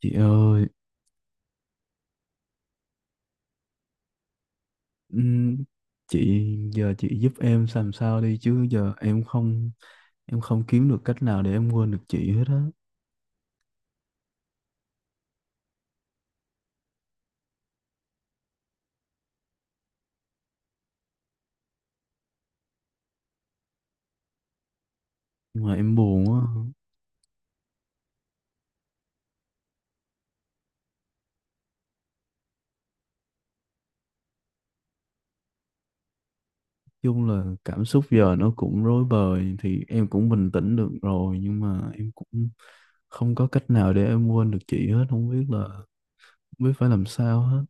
Chị ơi, ừm, chị giờ chị giúp em làm sao đi chứ giờ em không kiếm được cách nào để em quên được chị hết á. Mà em buồn quá. Chung là cảm xúc giờ nó cũng rối bời thì em cũng bình tĩnh được rồi, nhưng mà em cũng không có cách nào để em quên được chị hết, không biết là biết phải làm sao hết.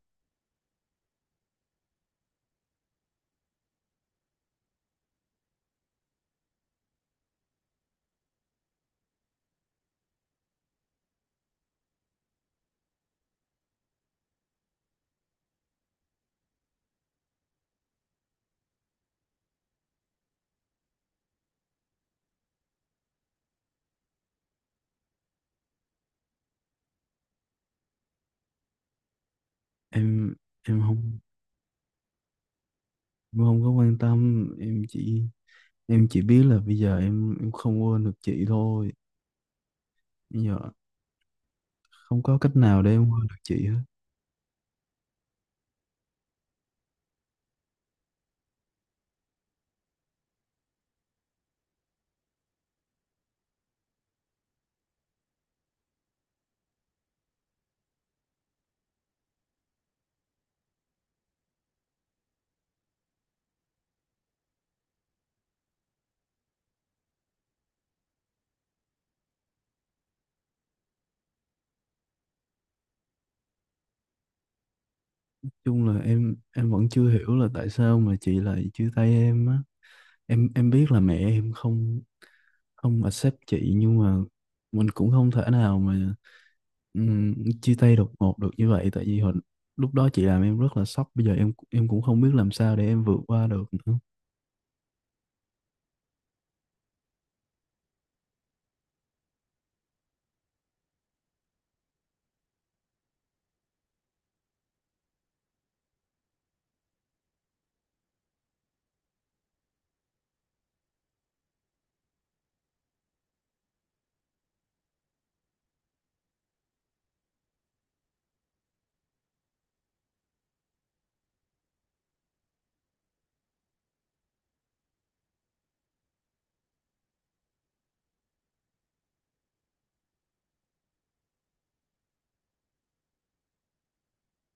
Em em không có quan tâm, em chỉ biết là bây giờ em không quên được chị thôi. Bây giờ không có cách nào để em qua được chị hết. Chung là em vẫn chưa hiểu là tại sao mà chị lại chia tay em á. Em biết là mẹ em không không accept chị, nhưng mà mình cũng không thể nào mà ừm, chia tay đột ngột được như vậy. Tại vì hồi lúc đó chị làm em rất là sốc, bây giờ em cũng không biết làm sao để em vượt qua được nữa.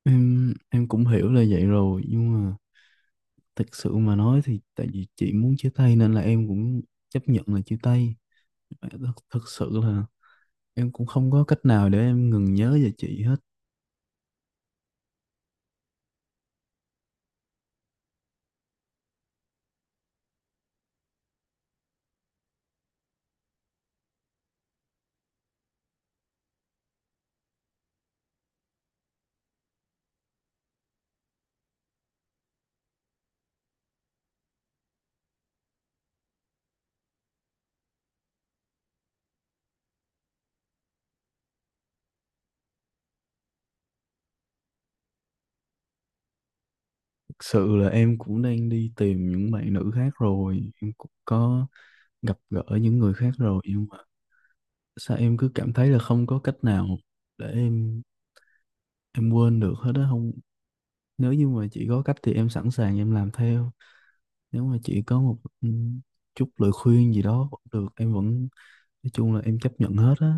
Em cũng hiểu là vậy rồi, nhưng mà thực sự mà nói thì tại vì chị muốn chia tay nên là em cũng chấp nhận là chia tay. Thật, thật sự là em cũng không có cách nào để em ngừng nhớ về chị hết. Thực sự là em cũng đang đi tìm những bạn nữ khác rồi, em cũng có gặp gỡ những người khác rồi, nhưng mà sao em cứ cảm thấy là không có cách nào để em quên được hết á không. Nếu như mà chị có cách thì em sẵn sàng em làm theo. Nếu mà chị có một chút lời khuyên gì đó cũng được, em vẫn nói chung là em chấp nhận hết á.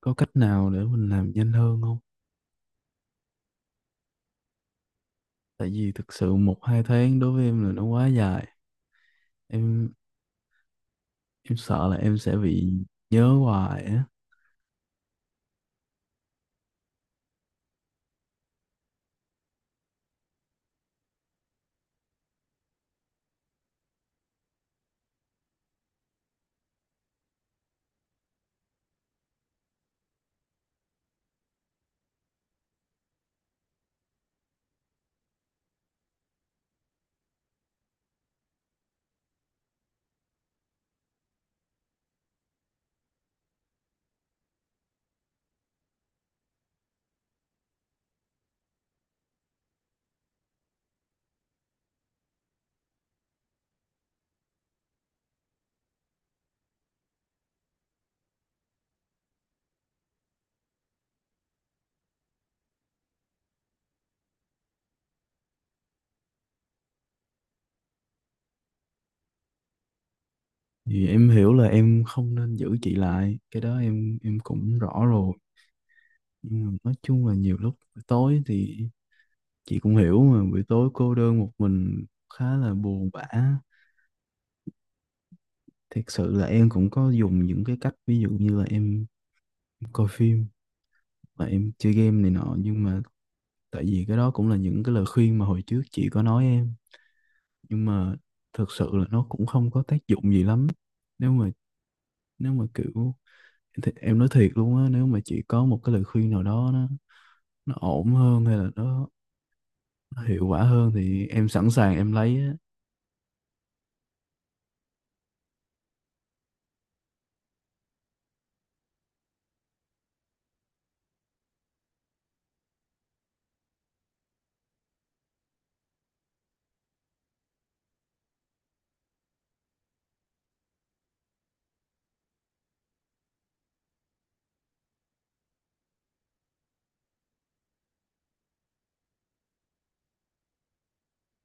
Có cách nào để mình làm nhanh hơn không? Tại vì thực sự một hai tháng đối với em là nó quá dài, em em sợ là em sẽ bị nhớ hoài á. Thì em hiểu là em không nên giữ chị lại, cái đó em cũng rõ rồi, nhưng mà nói chung là nhiều lúc buổi tối thì chị cũng hiểu mà, buổi tối cô đơn một mình khá là buồn bã. Thật sự là em cũng có dùng những cái cách, ví dụ như là em coi phim và em chơi game này nọ, nhưng mà tại vì cái đó cũng là những cái lời khuyên mà hồi trước chị có nói em, nhưng mà thực sự là nó cũng không có tác dụng gì lắm. Nếu mà nếu mà kiểu Thì em nói thiệt luôn á, nếu mà chị có một cái lời khuyên nào đó nó ổn hơn hay là nó hiệu quả hơn thì em sẵn sàng em lấy á.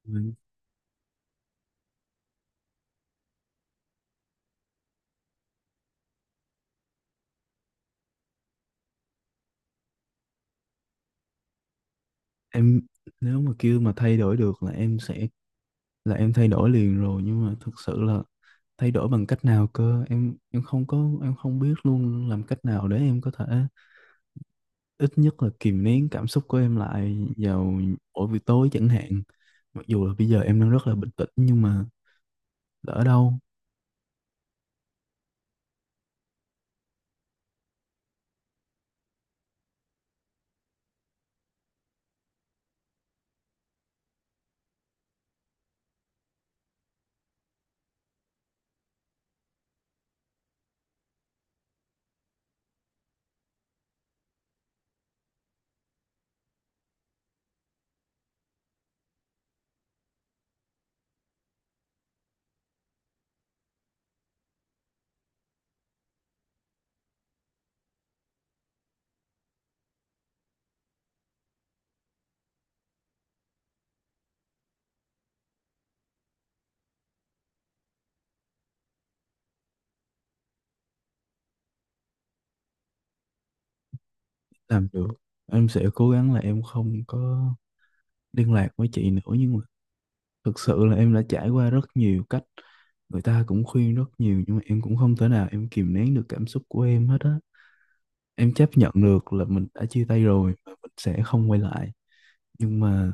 Ừ. em Nếu mà kêu mà thay đổi được là em sẽ là em thay đổi liền rồi, nhưng mà thực sự là thay đổi bằng cách nào cơ, em không có em không biết luôn làm cách nào để em có thể ít nhất là kìm nén cảm xúc của em lại vào mỗi buổi tối chẳng hạn. Mặc dù là bây giờ em đang rất là bình tĩnh nhưng mà lỡ đâu làm được, em sẽ cố gắng là em không có liên lạc với chị nữa, nhưng mà thực sự là em đã trải qua rất nhiều cách, người ta cũng khuyên rất nhiều nhưng mà em cũng không thể nào em kìm nén được cảm xúc của em hết á. Em chấp nhận được là mình đã chia tay rồi và mình sẽ không quay lại, nhưng mà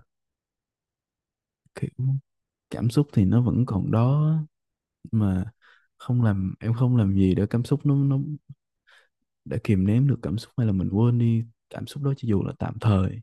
kiểu cảm xúc thì nó vẫn còn đó á. Mà không làm em không làm gì để cảm xúc nó để kìm nén được cảm xúc hay là mình quên đi cảm xúc đó cho dù là tạm thời.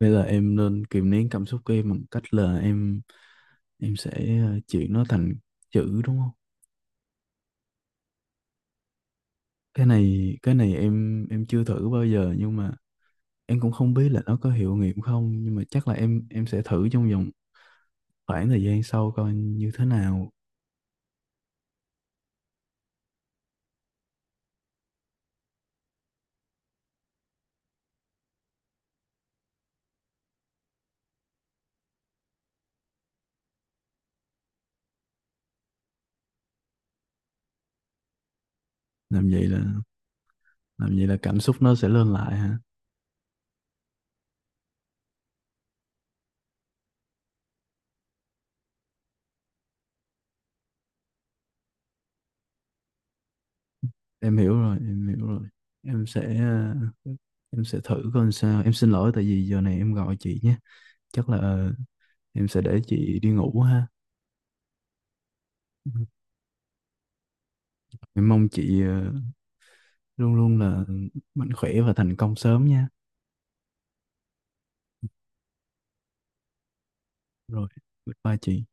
Bây giờ em nên kìm nén cảm xúc của em bằng cách là em sẽ chuyển nó thành chữ đúng không? Cái này em chưa thử bao giờ, nhưng mà em cũng không biết là nó có hiệu nghiệm không, nhưng mà chắc là em sẽ thử trong vòng khoảng thời gian sau coi như thế nào. Làm vậy là làm vậy là cảm xúc nó sẽ lên lại hả? Em hiểu rồi, em hiểu rồi. em sẽ ờ, em sẽ thử coi sao. Em xin lỗi tại vì giờ này em gọi chị nhé. Chắc là em sẽ để chị đi ngủ ha. Em mong chị luôn luôn là mạnh khỏe và thành công sớm nha. Rồi. Goodbye chị.